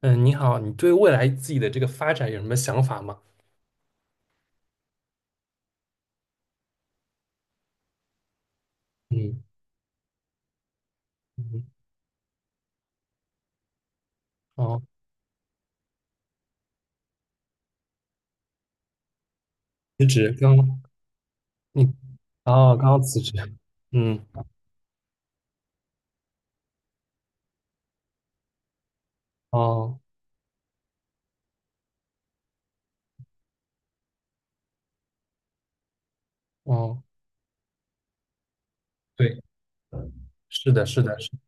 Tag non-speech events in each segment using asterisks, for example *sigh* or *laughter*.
嗯，你好，你对未来自己的这个发展有什么想法吗？嗯嗯，哦，辞职你哦，刚刚辞职，嗯，哦哦，对，是的，是的，是的。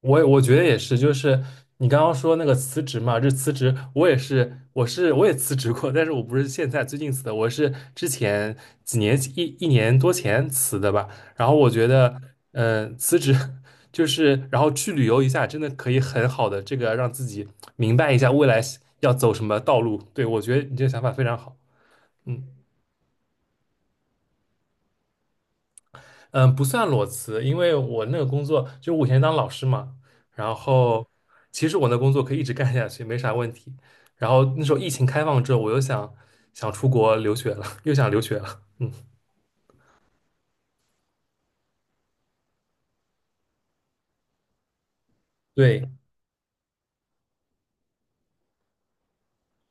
我觉得也是，就是你刚刚说那个辞职嘛，就辞职我也是，我也辞职过，但是我不是现在最近辞的，我是之前几年年多前辞的吧。然后我觉得，嗯、辞职 *laughs* 就是然后去旅游一下，真的可以很好的这个让自己明白一下未来要走什么道路。对，我觉得你这个想法非常好。嗯。嗯，不算裸辞，因为我那个工作就我以前当老师嘛，然后其实我那工作可以一直干下去，没啥问题。然后那时候疫情开放之后，我又想出国留学了，*laughs* 又想留学了。嗯，对，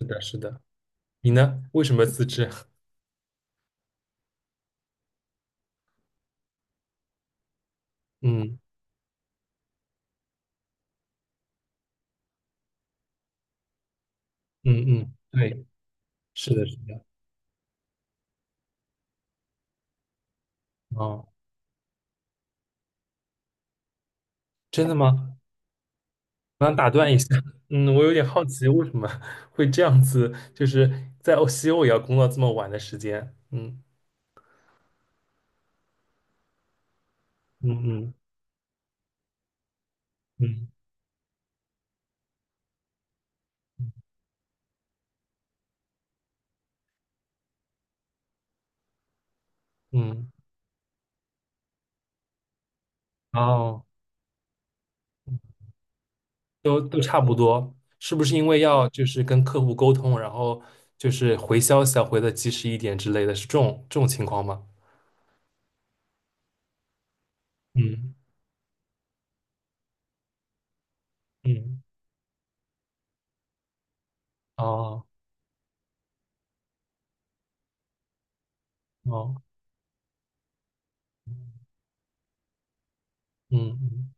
是的，是的。你呢？为什么辞职？*laughs* 嗯嗯嗯，对，是的，是的。哦，真的吗？我想打断一下，*laughs* 我有点好奇，为什么会这样子，就是在西欧也要工作这么晚的时间？嗯嗯嗯嗯嗯。哦，都差不多，是不是因为要就是跟客户沟通，然后就是回消息要回的及时一点之类的，是这种情况吗？嗯嗯，哦哦，嗯嗯，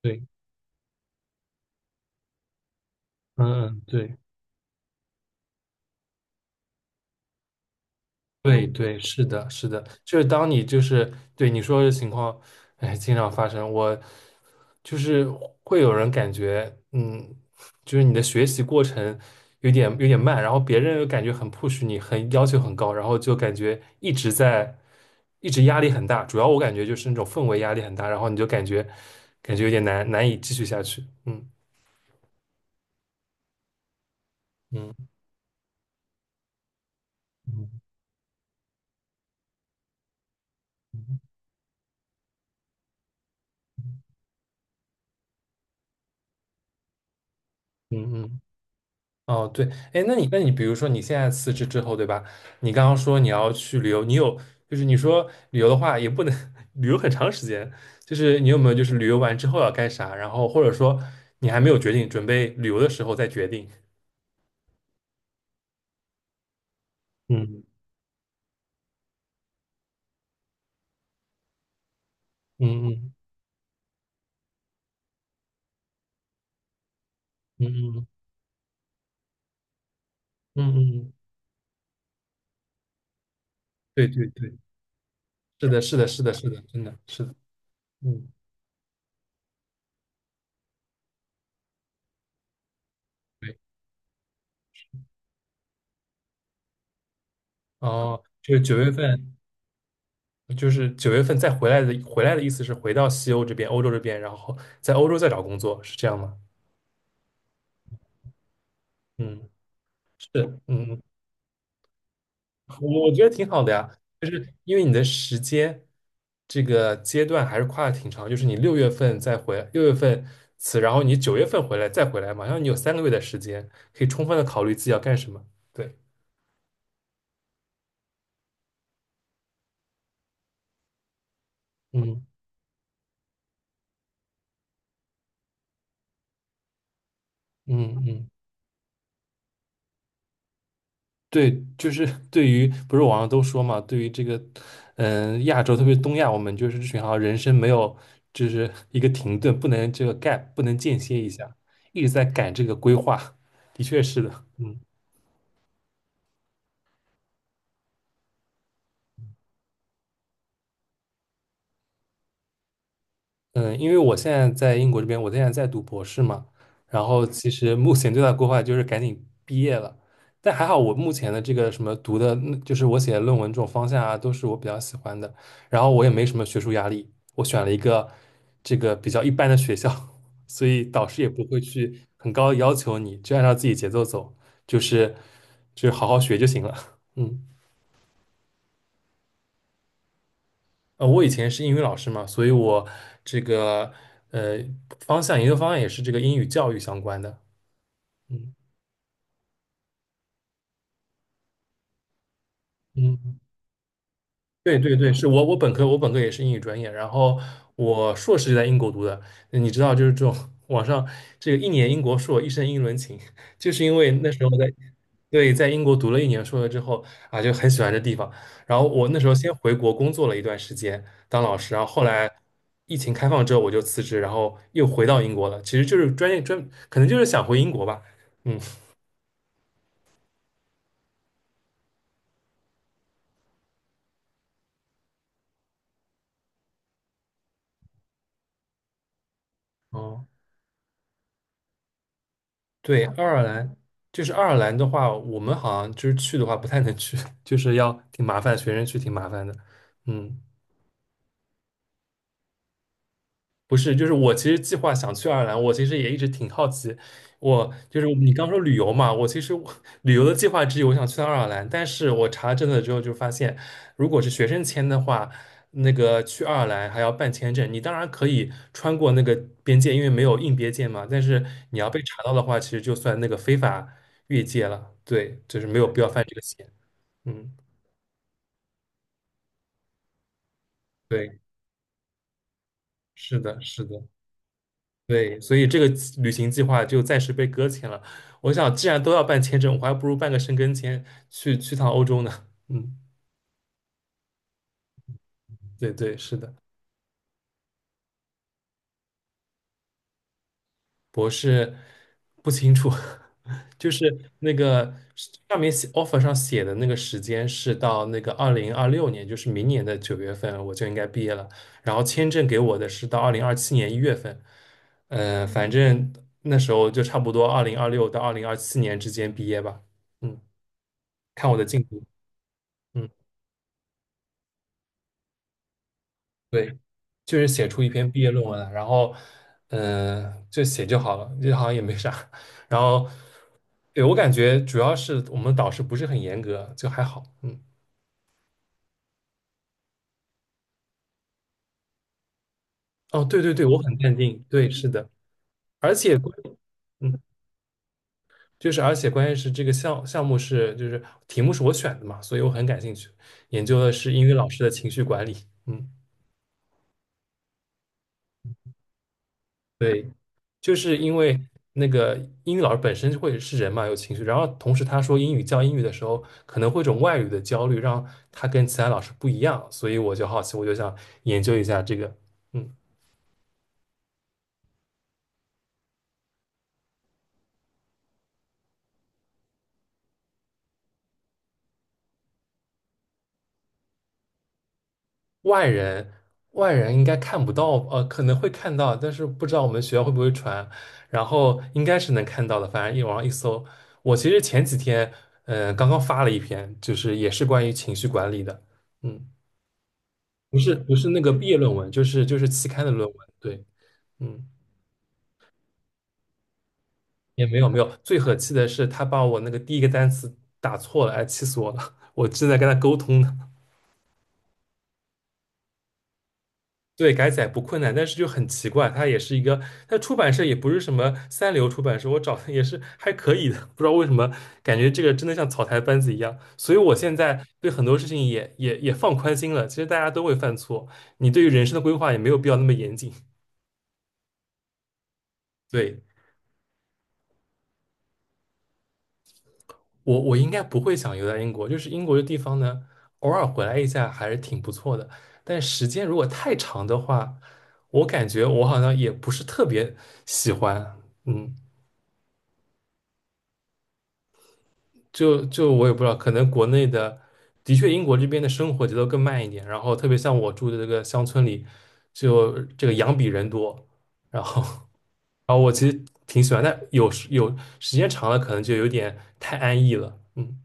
对，嗯嗯对。对，是的，是的，就是当你就是对你说的情况，哎，经常发生，我就是会有人感觉，就是你的学习过程有点慢，然后别人又感觉很 push 你，很要求很高，然后就感觉一直在一直压力很大，主要我感觉就是那种氛围压力很大，然后你就感觉有点难以继续下去，嗯嗯嗯嗯。哦，对，哎，那你比如说你现在辞职之后，对吧？你刚刚说你要去旅游，你有就是你说旅游的话也不能 *laughs* 旅游很长时间，就是你有没有就是旅游完之后要干啥？然后或者说你还没有决定，准备旅游的时候再决定。嗯嗯嗯嗯嗯嗯嗯，对，是的，是的，是的，是的，真的是的，嗯，对，哦，就是九月份，就是九月份再回来的，回来的意思是回到西欧这边，欧洲这边，然后在欧洲再找工作，是这样吗？嗯。是，我觉得挺好的呀，就是因为你的时间这个阶段还是跨的挺长，就是你六月份再回，六月份辞，然后你九月份回来再回来，嘛，然后你有三个月的时间，可以充分的考虑自己要干什么。对，嗯嗯嗯，对，就是 *laughs* 对于不是网上都说嘛，对于这个亚洲，特别是东亚，我们就是这群好像人生没有就是一个停顿，不能这个 gap，不能间歇一下，一直在赶这个规划，的确是的，嗯。嗯，因为我现在在英国这边，我现在在读博士嘛，然后其实目前最大的规划就是赶紧毕业了。但还好，我目前的这个什么读的，就是我写的论文这种方向啊，都是我比较喜欢的。然后我也没什么学术压力，我选了一个这个比较一般的学校，*laughs* 所以导师也不会去很高的要求你，就按照自己节奏走，就是就是好好学就行了。*laughs* 嗯。我以前是英语老师嘛，所以我这个呃方向研究方向也是这个英语教育相关的。嗯嗯。对，是我本科本科也是英语专业，然后我硕士就在英国读的。你知道，就是这种网上这个一年英国硕，一生英伦情，就是因为那时候在对在英国读了一年硕了之后就很喜欢这地方。然后我那时候先回国工作了一段时间当老师，然后后来疫情开放之后我就辞职，然后又回到英国了。其实就是专业专，可能就是想回英国吧。嗯，哦。对，爱尔兰就是爱尔兰的话，我们好像就是去的话不太能去，*laughs* 就是要挺麻烦，学生去挺麻烦的。嗯，不是，就是我其实计划想去爱尔兰，我其实也一直挺好奇。我就是你刚说旅游嘛，我其实 *laughs* 旅游的计划之一，我想去趟爱尔兰，但是我查证了之后就发现，如果是学生签的话，那个去爱尔兰还要办签证。你当然可以穿过那个边界，因为没有硬边界嘛，但是你要被查到的话，其实就算那个非法越界了。对，就是没有必要犯这个险。嗯，对，是的，是的。对，所以这个旅行计划就暂时被搁浅了。我想，既然都要办签证，我还不如办个申根签去趟欧洲呢。嗯，对对，是的。博士不清楚，*laughs* 就是那个上面写 offer 上写的那个时间是到那个2026年，就是明年的九月份我就应该毕业了。然后签证给我的是到二零二七年一月份，反正那时候就差不多二零二六到二零二七年之间毕业吧。嗯，看我的进度。嗯。对，就是写出一篇毕业论文来，然后，就写就好了，就好像也没啥。*laughs* 然后，对，我感觉主要是我们导师不是很严格，就还好。嗯，哦，对，我很淡定。对，是的，而且关嗯，就是而且关键是这个项目是就是题目是我选的嘛，所以我很感兴趣，研究的是英语老师的情绪管理。嗯，对。就是因为那个英语老师本身就会是人嘛，有情绪，然后同时他说英语教英语的时候，可能会有一种外语的焦虑，让他跟其他老师不一样，所以我就好奇，我就想研究一下这个。嗯，外人外人应该看不到，可能会看到，但是不知道我们学校会不会传，然后应该是能看到的，反正一网上一搜，我其实前几天，刚刚发了一篇，就是也是关于情绪管理的，嗯，不是不是那个毕业论文，就是期刊的论文。对。嗯，也没有没有，最可气的是他把我那个第一个单词打错了，哎，气死我了！*laughs* 我正在跟他沟通呢。对，改载不困难，但是就很奇怪，他也是一个，他出版社也不是什么三流出版社，我找的也是还可以的，不知道为什么感觉这个真的像草台班子一样，所以我现在对很多事情也放宽心了。其实大家都会犯错，你对于人生的规划也没有必要那么严谨。对，我应该不会想留在英国，就是英国这地方呢，偶尔回来一下还是挺不错的。但时间如果太长的话，我感觉我好像也不是特别喜欢。嗯，就我也不知道，可能国内的，的确英国这边的生活节奏更慢一点。然后特别像我住的这个乡村里，就这个羊比人多。然后，*laughs* 然后我其实挺喜欢，但有时间长了，可能就有点太安逸了。嗯，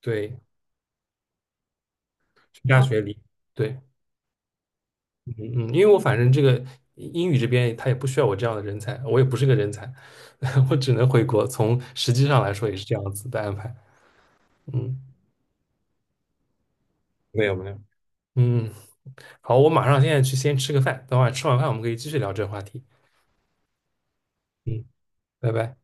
对，去大学里，对。嗯嗯，因为我反正这个英语这边他也不需要我这样的人才，我也不是个人才，*laughs* 我只能回国。从实际上来说也是这样子的安排。嗯没有没有，嗯，好，我马上现在去先吃个饭，等会儿吃完饭我们可以继续聊这个话题。嗯，拜拜。